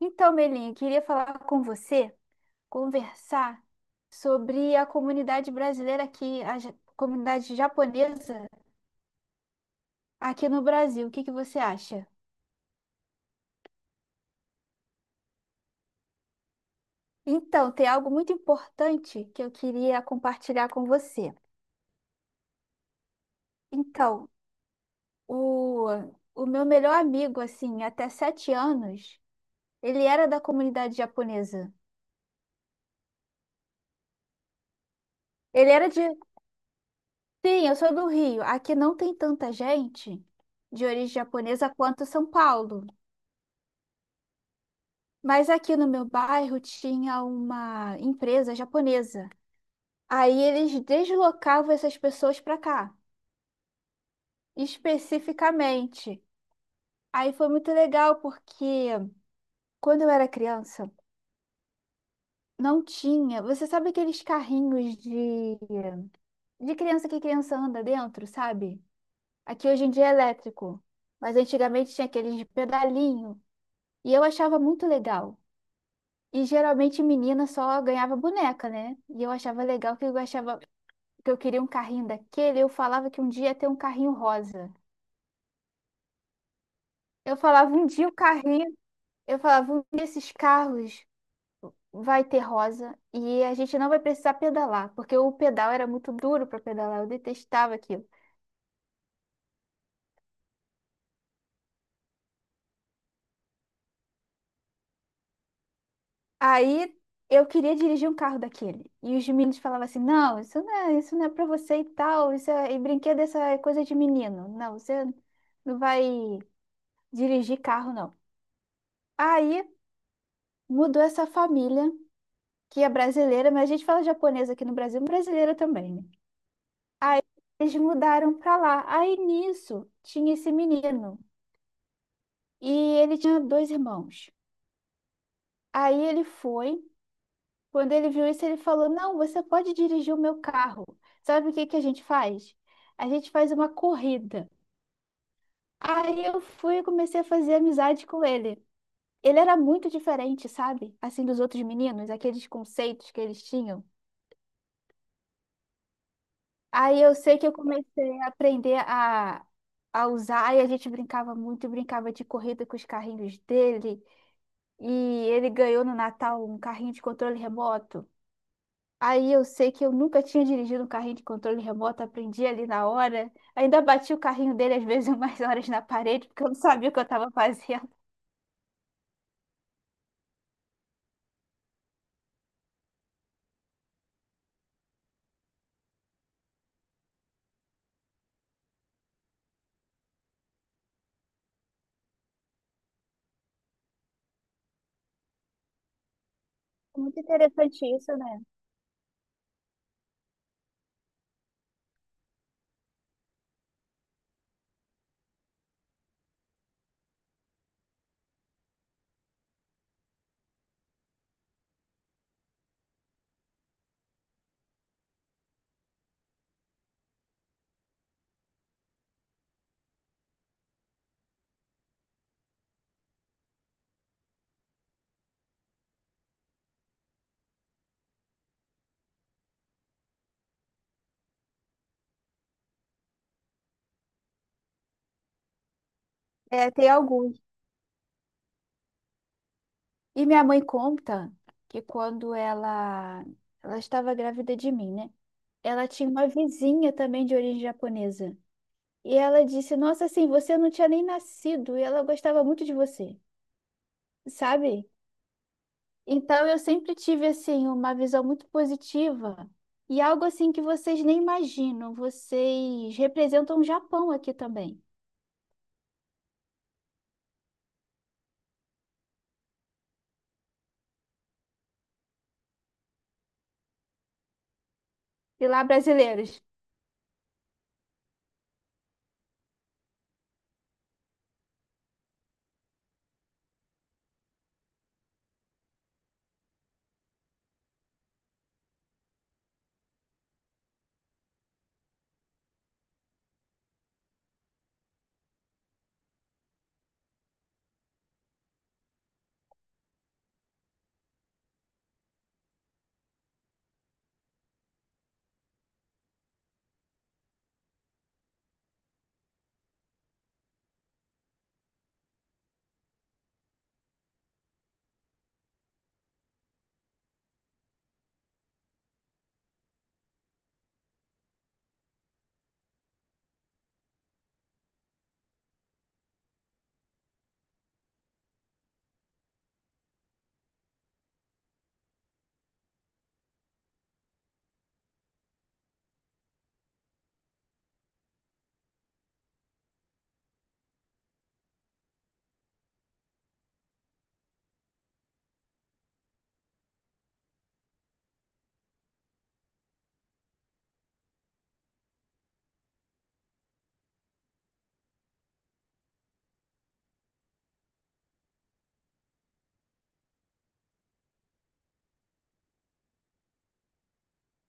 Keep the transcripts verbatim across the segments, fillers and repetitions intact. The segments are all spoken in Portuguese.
Então, Melinha, queria falar com você, conversar sobre a comunidade brasileira aqui, a ja- comunidade japonesa aqui no Brasil. O que que você acha? Então, tem algo muito importante que eu queria compartilhar com você. Então, o, o meu melhor amigo, assim, até sete anos, ele era da comunidade japonesa. Ele era de. Sim, eu sou do Rio. Aqui não tem tanta gente de origem japonesa quanto São Paulo. Mas aqui no meu bairro tinha uma empresa japonesa. Aí eles deslocavam essas pessoas para cá, especificamente. Aí foi muito legal porque quando eu era criança, não tinha. Você sabe aqueles carrinhos de de criança que criança anda dentro, sabe? Aqui hoje em dia é elétrico, mas antigamente tinha aqueles de pedalinho e eu achava muito legal. E geralmente menina só ganhava boneca, né? E eu achava legal que eu achava que eu queria um carrinho daquele, eu falava que um dia ia ter um carrinho rosa. Eu falava um dia o carrinho, eu falava um dia esses carros vai ter rosa e a gente não vai precisar pedalar, porque o pedal era muito duro para pedalar, eu detestava aquilo. Aí eu queria dirigir um carro daquele. E os meninos falavam assim: "Não, isso não é, isso não é para você e tal, isso é e brinquedo, essa é coisa de menino. Não, você não vai dirigir carro não". Aí mudou essa família que é brasileira, mas a gente fala japonesa aqui no Brasil, brasileira também, né? Aí eles mudaram pra lá. Aí nisso tinha esse menino e ele tinha dois irmãos. Aí ele foi, quando ele viu isso, ele falou: Não, você pode dirigir o meu carro. Sabe o que que a gente faz? A gente faz uma corrida. Aí eu fui e comecei a fazer amizade com ele. Ele era muito diferente, sabe? Assim, dos outros meninos, aqueles conceitos que eles tinham. Aí eu sei que eu comecei a aprender a, a usar, e a gente brincava muito, brincava de corrida com os carrinhos dele, e ele ganhou no Natal um carrinho de controle remoto. Aí eu sei que eu nunca tinha dirigido um carrinho de controle remoto, aprendi ali na hora. Ainda bati o carrinho dele às vezes umas horas na parede, porque eu não sabia o que eu estava fazendo. É muito interessante isso, né? É, tem alguns. E minha mãe conta que quando ela, ela estava grávida de mim, né? Ela tinha uma vizinha também de origem japonesa. E ela disse: Nossa, assim, você não tinha nem nascido e ela gostava muito de você, sabe? Então eu sempre tive, assim, uma visão muito positiva e algo assim que vocês nem imaginam. Vocês representam o Japão aqui também. E lá, brasileiros.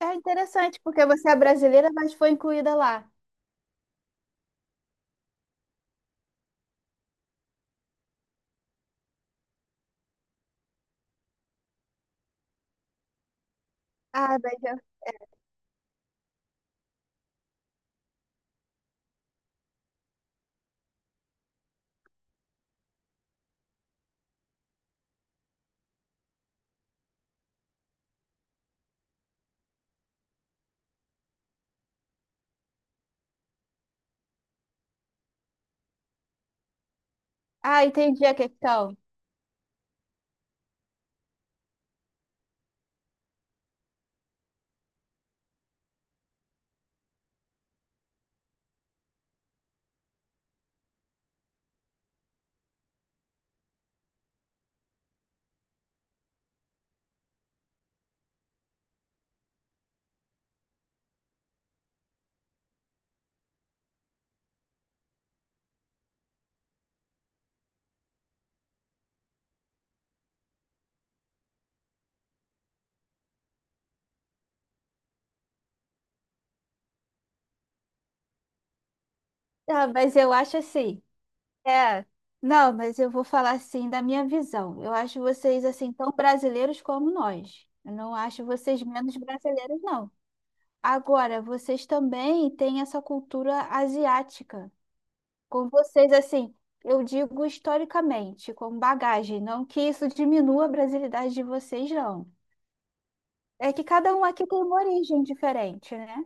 É interessante, porque você é brasileira, mas foi incluída lá. Ah, mas eu- ah, entendi a questão. Ah, mas eu acho assim. É. Não, mas eu vou falar assim da minha visão. Eu acho vocês assim tão brasileiros como nós. Eu não acho vocês menos brasileiros, não. Agora, vocês também têm essa cultura asiática. Com vocês, assim, eu digo historicamente, como bagagem. Não que isso diminua a brasilidade de vocês, não. É que cada um aqui tem uma origem diferente, né?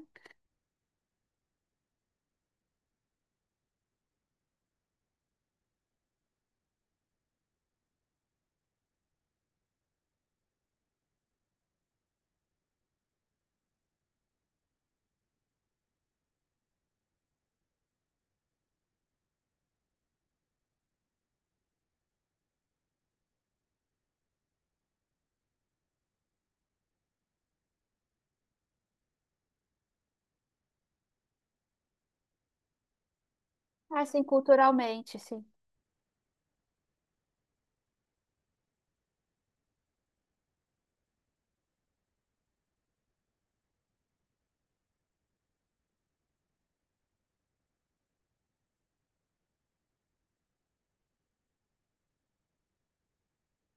Assim, culturalmente, sim.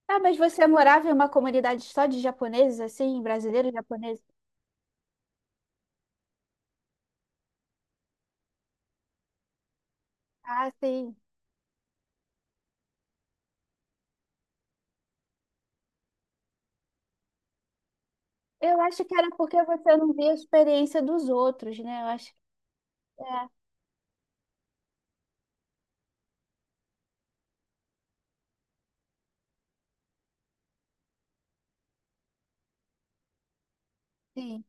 Ah, mas você morava em uma comunidade só de japoneses, assim, brasileiros japoneses? Ah, sim. Eu acho que era porque você não via a experiência dos outros, né? Eu acho que é, sim.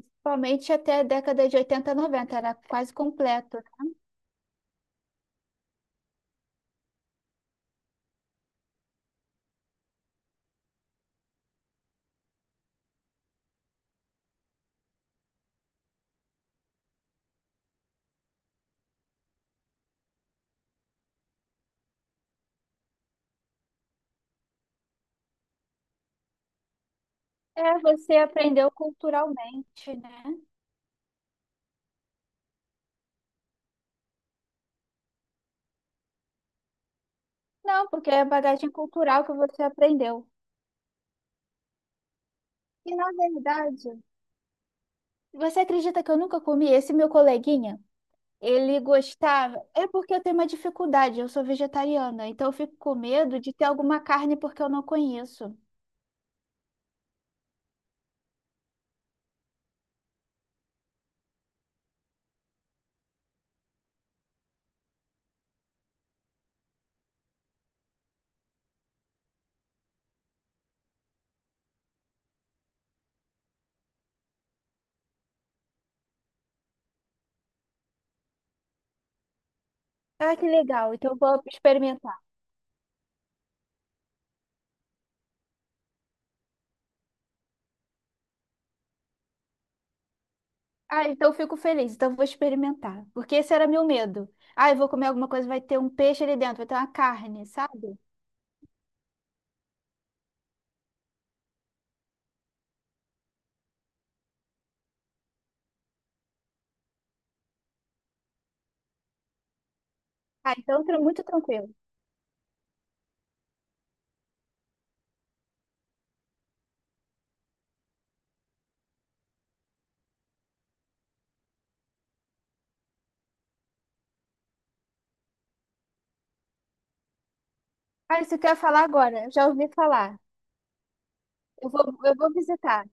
Principalmente até a década de oitenta, noventa era quase completo. É, você aprendeu culturalmente, né? Não, porque é a bagagem cultural que você aprendeu. E na verdade, você acredita que eu nunca comi esse meu coleguinha? Ele gostava. É porque eu tenho uma dificuldade, eu sou vegetariana, então eu fico com medo de ter alguma carne porque eu não conheço. Ah, que legal, então eu vou experimentar. Ah, então eu fico feliz, então eu vou experimentar. Porque esse era meu medo. Ah, eu vou comer alguma coisa, vai ter um peixe ali dentro, vai ter uma carne, sabe? Ah, então tra- muito tranquilo. Ah, isso que eu ia falar agora, já ouvi falar. Eu vou, eu vou visitar.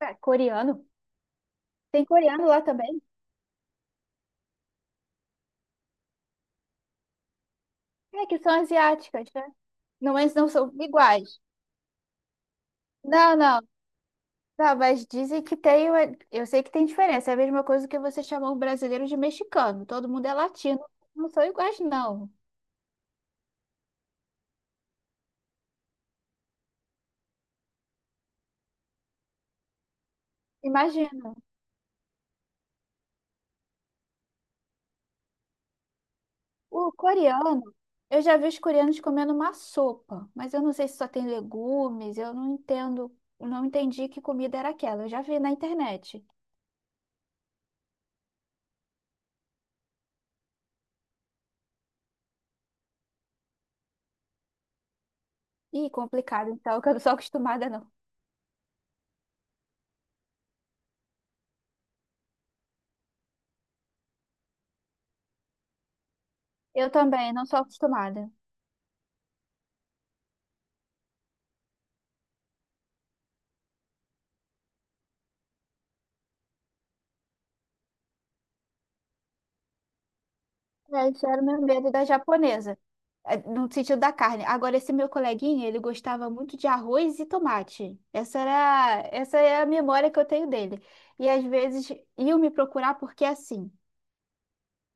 Ah, coreano? Tem coreano lá também? É, que são asiáticas, né? Não, mas não são iguais. Não, não. Não, mas dizem que tem uma... Eu sei que tem diferença. É a mesma coisa que você chamar um brasileiro de mexicano. Todo mundo é latino. Não são iguais, não. Imagina. O coreano, eu já vi os coreanos comendo uma sopa, mas eu não sei se só tem legumes, eu não entendo, não entendi que comida era aquela. Eu já vi na internet. Ih, complicado, então, que eu não sou acostumada, não. Eu também não sou acostumada. É, isso era o meu medo da japonesa, é, no sentido da carne. Agora, esse meu coleguinha, ele gostava muito de arroz e tomate. Essa era, essa é a memória que eu tenho dele. E às vezes iam me procurar porque assim,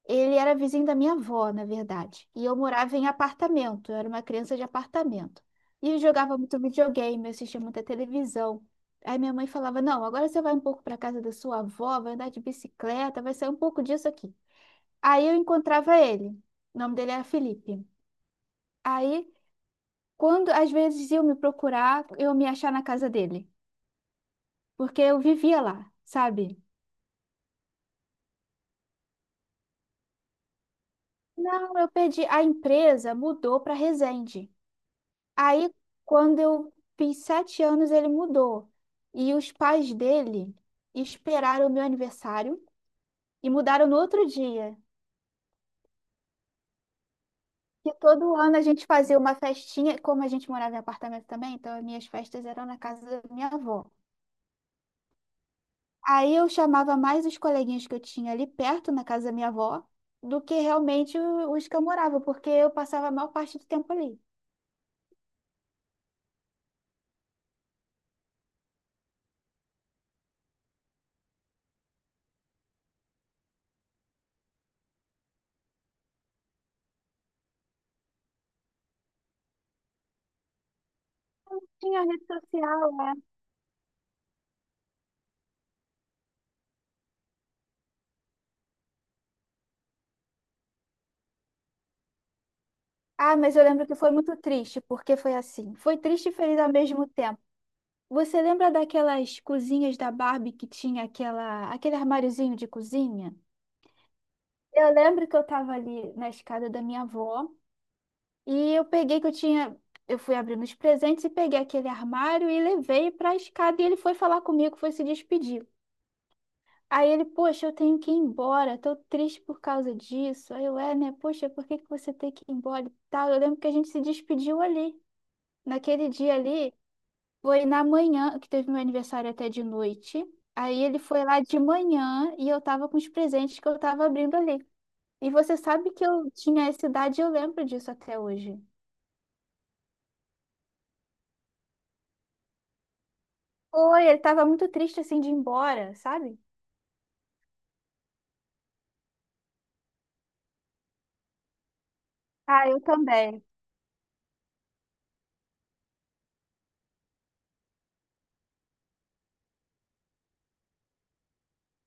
ele era vizinho da minha avó, na verdade. E eu morava em apartamento, eu era uma criança de apartamento. E eu jogava muito videogame, eu assistia muita televisão. Aí minha mãe falava: Não, agora você vai um pouco para casa da sua avó, vai andar de bicicleta, vai sair um pouco disso aqui. Aí eu encontrava ele. O nome dele era Felipe. Aí, quando às vezes iam me procurar, eu me achar na casa dele, porque eu vivia lá, sabe? Não, eu perdi. A empresa mudou para Resende. Aí, quando eu fiz sete anos, ele mudou. E os pais dele esperaram o meu aniversário e mudaram no outro dia. E todo ano a gente fazia uma festinha, como a gente morava em apartamento também, então as minhas festas eram na casa da minha avó. Aí eu chamava mais os coleguinhas que eu tinha ali perto, na casa da minha avó, do que realmente o- os que eu morava, porque eu passava a maior parte do tempo ali. Tinha rede social, né? Ah, mas eu lembro que foi muito triste, porque foi assim. Foi triste e feliz ao mesmo tempo. Você lembra daquelas cozinhas da Barbie que tinha aquela, aquele armáriozinho de cozinha? Eu lembro que eu estava ali na escada da minha avó. E eu peguei que eu tinha. Eu fui abrindo os presentes e peguei aquele armário e levei para a escada. E ele foi falar comigo, foi se despedir. Aí ele, poxa, eu tenho que ir embora, tô triste por causa disso. Aí eu, é, né? Poxa, por que que você tem que ir embora e tal? Eu lembro que a gente se despediu ali. Naquele dia ali, foi na manhã, que teve meu aniversário até de noite. Aí ele foi lá de manhã e eu tava com os presentes que eu tava abrindo ali. E você sabe que eu tinha essa idade e eu lembro disso até hoje. Foi, ele tava muito triste assim de ir embora, sabe? Ah, eu também.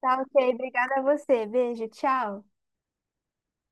Tá ok, obrigada a você. Beijo, tchau.